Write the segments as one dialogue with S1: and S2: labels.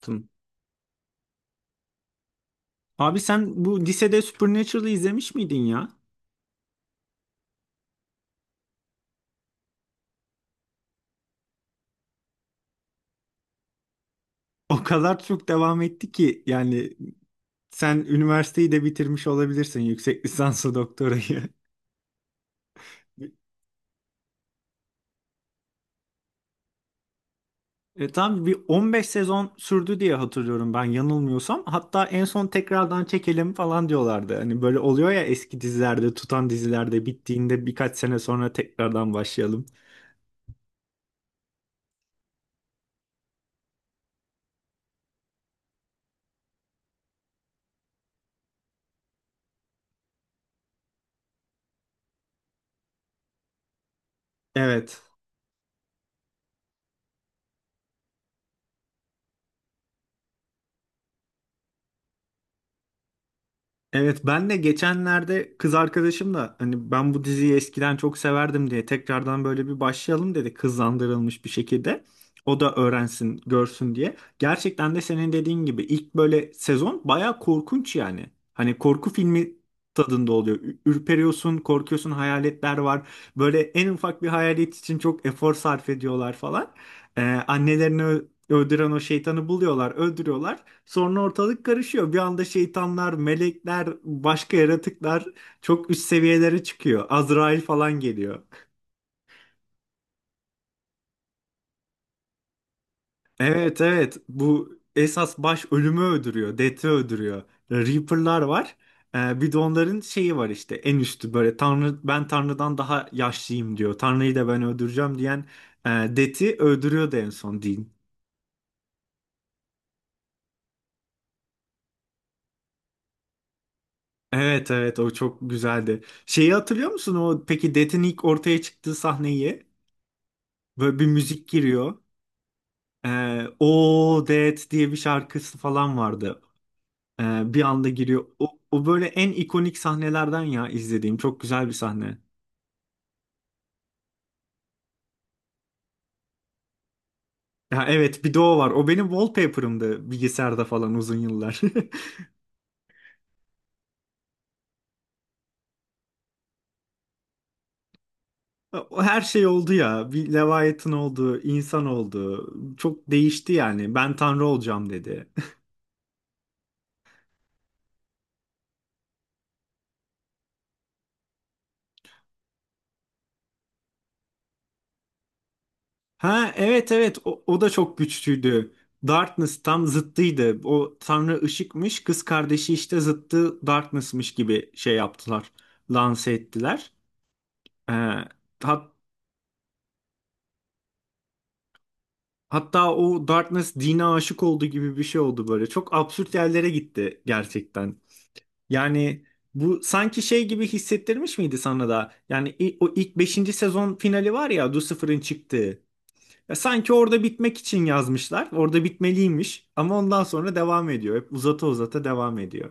S1: Tım. Abi sen bu lisede Supernatural'ı izlemiş miydin ya? O kadar çok devam etti ki yani sen üniversiteyi de bitirmiş olabilirsin yüksek lisansı doktorayı. Tam bir 15 sezon sürdü diye hatırlıyorum ben yanılmıyorsam. Hatta en son tekrardan çekelim falan diyorlardı. Hani böyle oluyor ya eski dizilerde, tutan dizilerde bittiğinde birkaç sene sonra tekrardan başlayalım. Evet. Evet ben de geçenlerde kız arkadaşım da hani ben bu diziyi eskiden çok severdim diye tekrardan böyle bir başlayalım dedi kızlandırılmış bir şekilde. O da öğrensin, görsün diye. Gerçekten de senin dediğin gibi ilk böyle sezon bayağı korkunç yani. Hani korku filmi tadında oluyor. Ürperiyorsun, korkuyorsun, hayaletler var. Böyle en ufak bir hayalet için çok efor sarf ediyorlar falan. Ee, Annelerini öldüren o şeytanı buluyorlar, öldürüyorlar. Sonra ortalık karışıyor. Bir anda şeytanlar, melekler, başka yaratıklar çok üst seviyelere çıkıyor. Azrail falan geliyor. Evet evet bu esas baş ölümü öldürüyor. Death'i öldürüyor. Reaper'lar var. Bir de onların şeyi var işte en üstü böyle Tanrı ben Tanrı'dan daha yaşlıyım diyor. Tanrı'yı da ben öldüreceğim diyen Death'i öldürüyor da en son Dean. Evet evet o çok güzeldi. Şeyi hatırlıyor musun o peki Death'in ilk ortaya çıktığı sahneyi? Böyle bir müzik giriyor. O Dead diye bir şarkısı falan vardı. Bir anda giriyor. O, o böyle en ikonik sahnelerden ya izlediğim. Çok güzel bir sahne. Ya evet bir de o var. O benim wallpaper'ımdı bilgisayarda falan uzun yıllar. O her şey oldu ya. Bir Leviathan oldu, insan oldu. Çok değişti yani. Ben tanrı olacağım dedi. Ha evet evet o, o da çok güçlüydü. Darkness tam zıttıydı. O tanrı ışıkmış, kız kardeşi işte zıttı Darkness'mış gibi şey yaptılar. Lanse ettiler. Ee, hat- hatta o Darkness dine aşık oldu gibi bir şey oldu böyle. Çok absürt yerlere gitti gerçekten. Yani bu sanki şey gibi hissettirmiş miydi sana da? Yani o ilk beşinci sezon finali var ya Lucifer'ın çıktığı. Ya sanki orada bitmek için yazmışlar. Orada bitmeliymiş ama ondan sonra devam ediyor. Hep uzata uzata devam ediyor.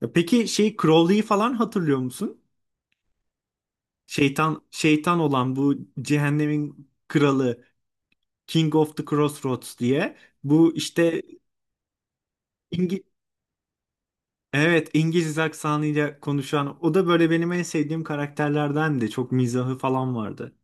S1: Ya peki şey Crowley'i falan hatırlıyor musun? Şeytan olan bu cehennemin kralı King of the Crossroads diye bu işte İngi evet İngiliz aksanıyla konuşan o da böyle benim en sevdiğim karakterlerden de çok mizahı falan vardı.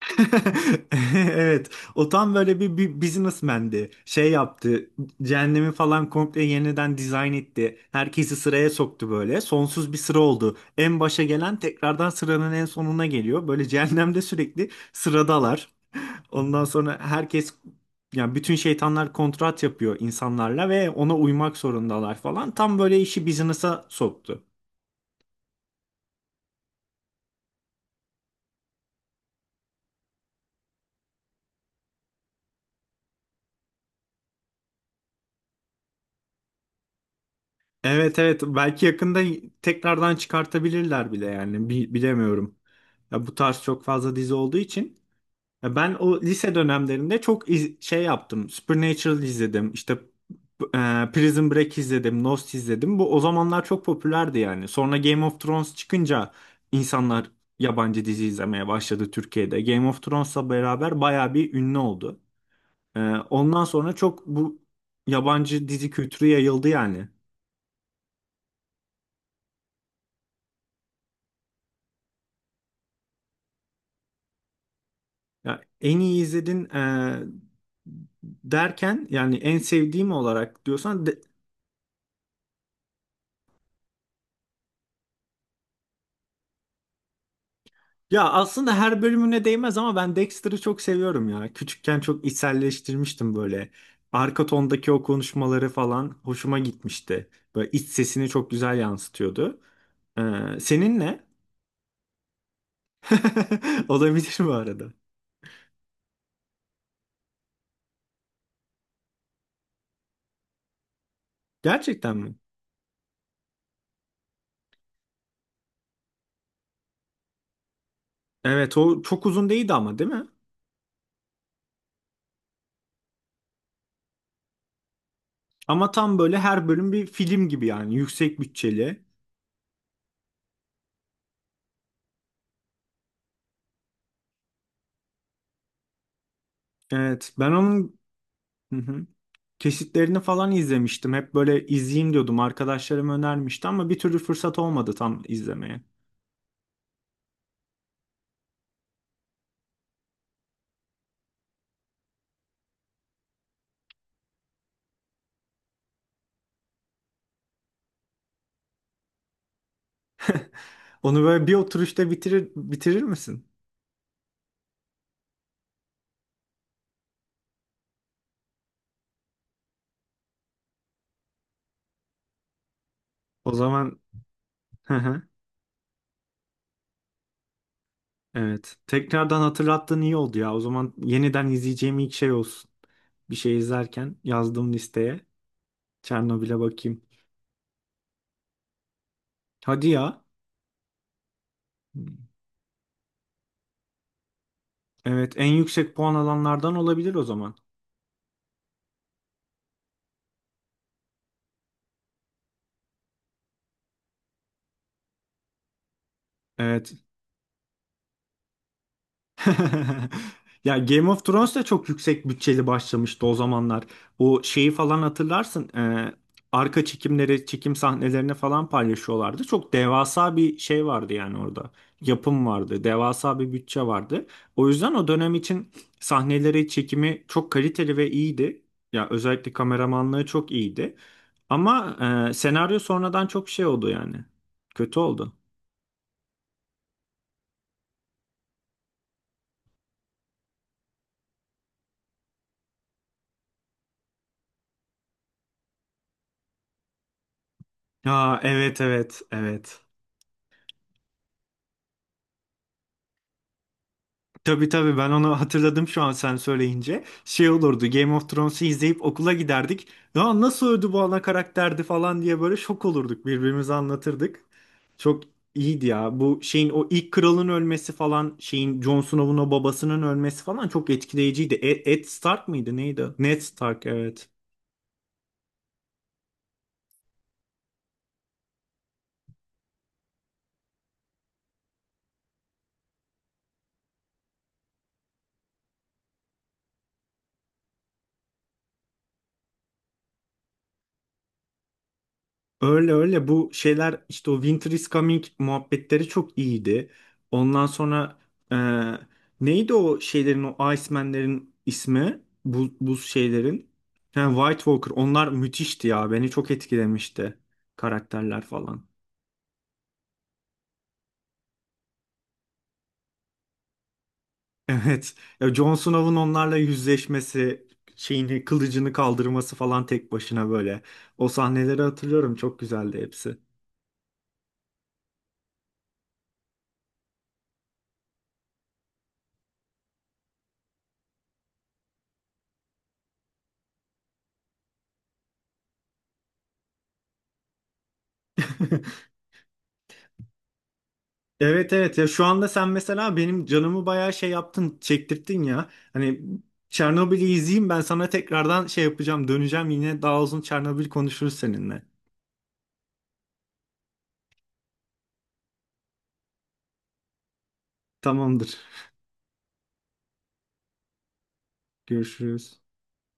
S1: Evet. O tam böyle bir businessman'di. Şey yaptı. Cehennemi falan komple yeniden dizayn etti. Herkesi sıraya soktu böyle. Sonsuz bir sıra oldu. En başa gelen tekrardan sıranın en sonuna geliyor. Böyle cehennemde sürekli sıradalar. Ondan sonra herkes yani bütün şeytanlar kontrat yapıyor insanlarla ve ona uymak zorundalar falan. Tam böyle işi business'a soktu. Evet evet belki yakında tekrardan çıkartabilirler bile yani bilemiyorum. Ya bu tarz çok fazla dizi olduğu için ya ben o lise dönemlerinde çok şey yaptım. Supernatural izledim. İşte e, Prison Break izledim, Lost izledim. Bu o zamanlar çok popülerdi yani. Sonra Game of Thrones çıkınca insanlar yabancı dizi izlemeye başladı Türkiye'de. Game of Thrones'la beraber bayağı bir ünlü oldu. E, Ondan sonra çok bu yabancı dizi kültürü yayıldı yani. Ya en iyi izledin derken yani en sevdiğim olarak diyorsan ya aslında her bölümüne değmez ama ben Dexter'ı çok seviyorum ya. Küçükken çok içselleştirmiştim böyle. Arka tondaki o konuşmaları falan hoşuma gitmişti. Böyle iç sesini çok güzel yansıtıyordu. Senin ne? Olabilir bu arada. Gerçekten mi? Evet o çok uzun değildi ama değil mi? Ama tam böyle her bölüm bir film gibi yani yüksek bütçeli. Evet ben onun... Kesitlerini falan izlemiştim. Hep böyle izleyeyim diyordum. Arkadaşlarım önermişti ama bir türlü fırsat olmadı tam izlemeye. Onu böyle bir oturuşta bitirir misin? O zaman hı hı, evet. Tekrardan hatırlattığın iyi oldu ya. O zaman yeniden izleyeceğim ilk şey olsun. Bir şey izlerken yazdığım listeye Çernobil'e bakayım. Hadi ya. Evet, en yüksek puan alanlardan olabilir o zaman. Evet. Ya Game of Thrones da çok yüksek bütçeli başlamıştı o zamanlar. O şeyi falan hatırlarsın. Arka çekimleri, çekim sahnelerini falan paylaşıyorlardı. Çok devasa bir şey vardı yani orada. Yapım vardı, devasa bir bütçe vardı. O yüzden o dönem için sahneleri, çekimi çok kaliteli ve iyiydi. Ya özellikle kameramanlığı çok iyiydi. Ama senaryo sonradan çok şey oldu yani. Kötü oldu. Aa, evet evet evet. Tabii tabii ben onu hatırladım şu an sen söyleyince. Şey olurdu Game of Thrones'u izleyip okula giderdik. Ya nasıl öldü bu ana karakterdi falan diye böyle şok olurduk birbirimize anlatırdık. Çok iyiydi ya. Bu şeyin o ilk kralın ölmesi falan şeyin Jon Snow'un o babasının ölmesi falan çok etkileyiciydi. Ed Stark mıydı neydi? Ned Stark evet. Öyle öyle bu şeyler işte o Winter is Coming muhabbetleri çok iyiydi. Ondan sonra e, neydi o şeylerin o Iceman'lerin ismi? Bu, buz şeylerin. Yani White Walker onlar müthişti ya beni çok etkilemişti karakterler falan. Evet ya Jon Snow'un onlarla yüzleşmesi şeyini kılıcını kaldırması falan tek başına böyle. O sahneleri hatırlıyorum çok güzeldi hepsi. Evet evet ya şu anda sen mesela benim canımı bayağı şey yaptın çektirttin ya. Hani Çernobil'i izleyeyim ben sana tekrardan şey yapacağım döneceğim yine daha uzun Çernobil konuşuruz seninle. Tamamdır. Görüşürüz.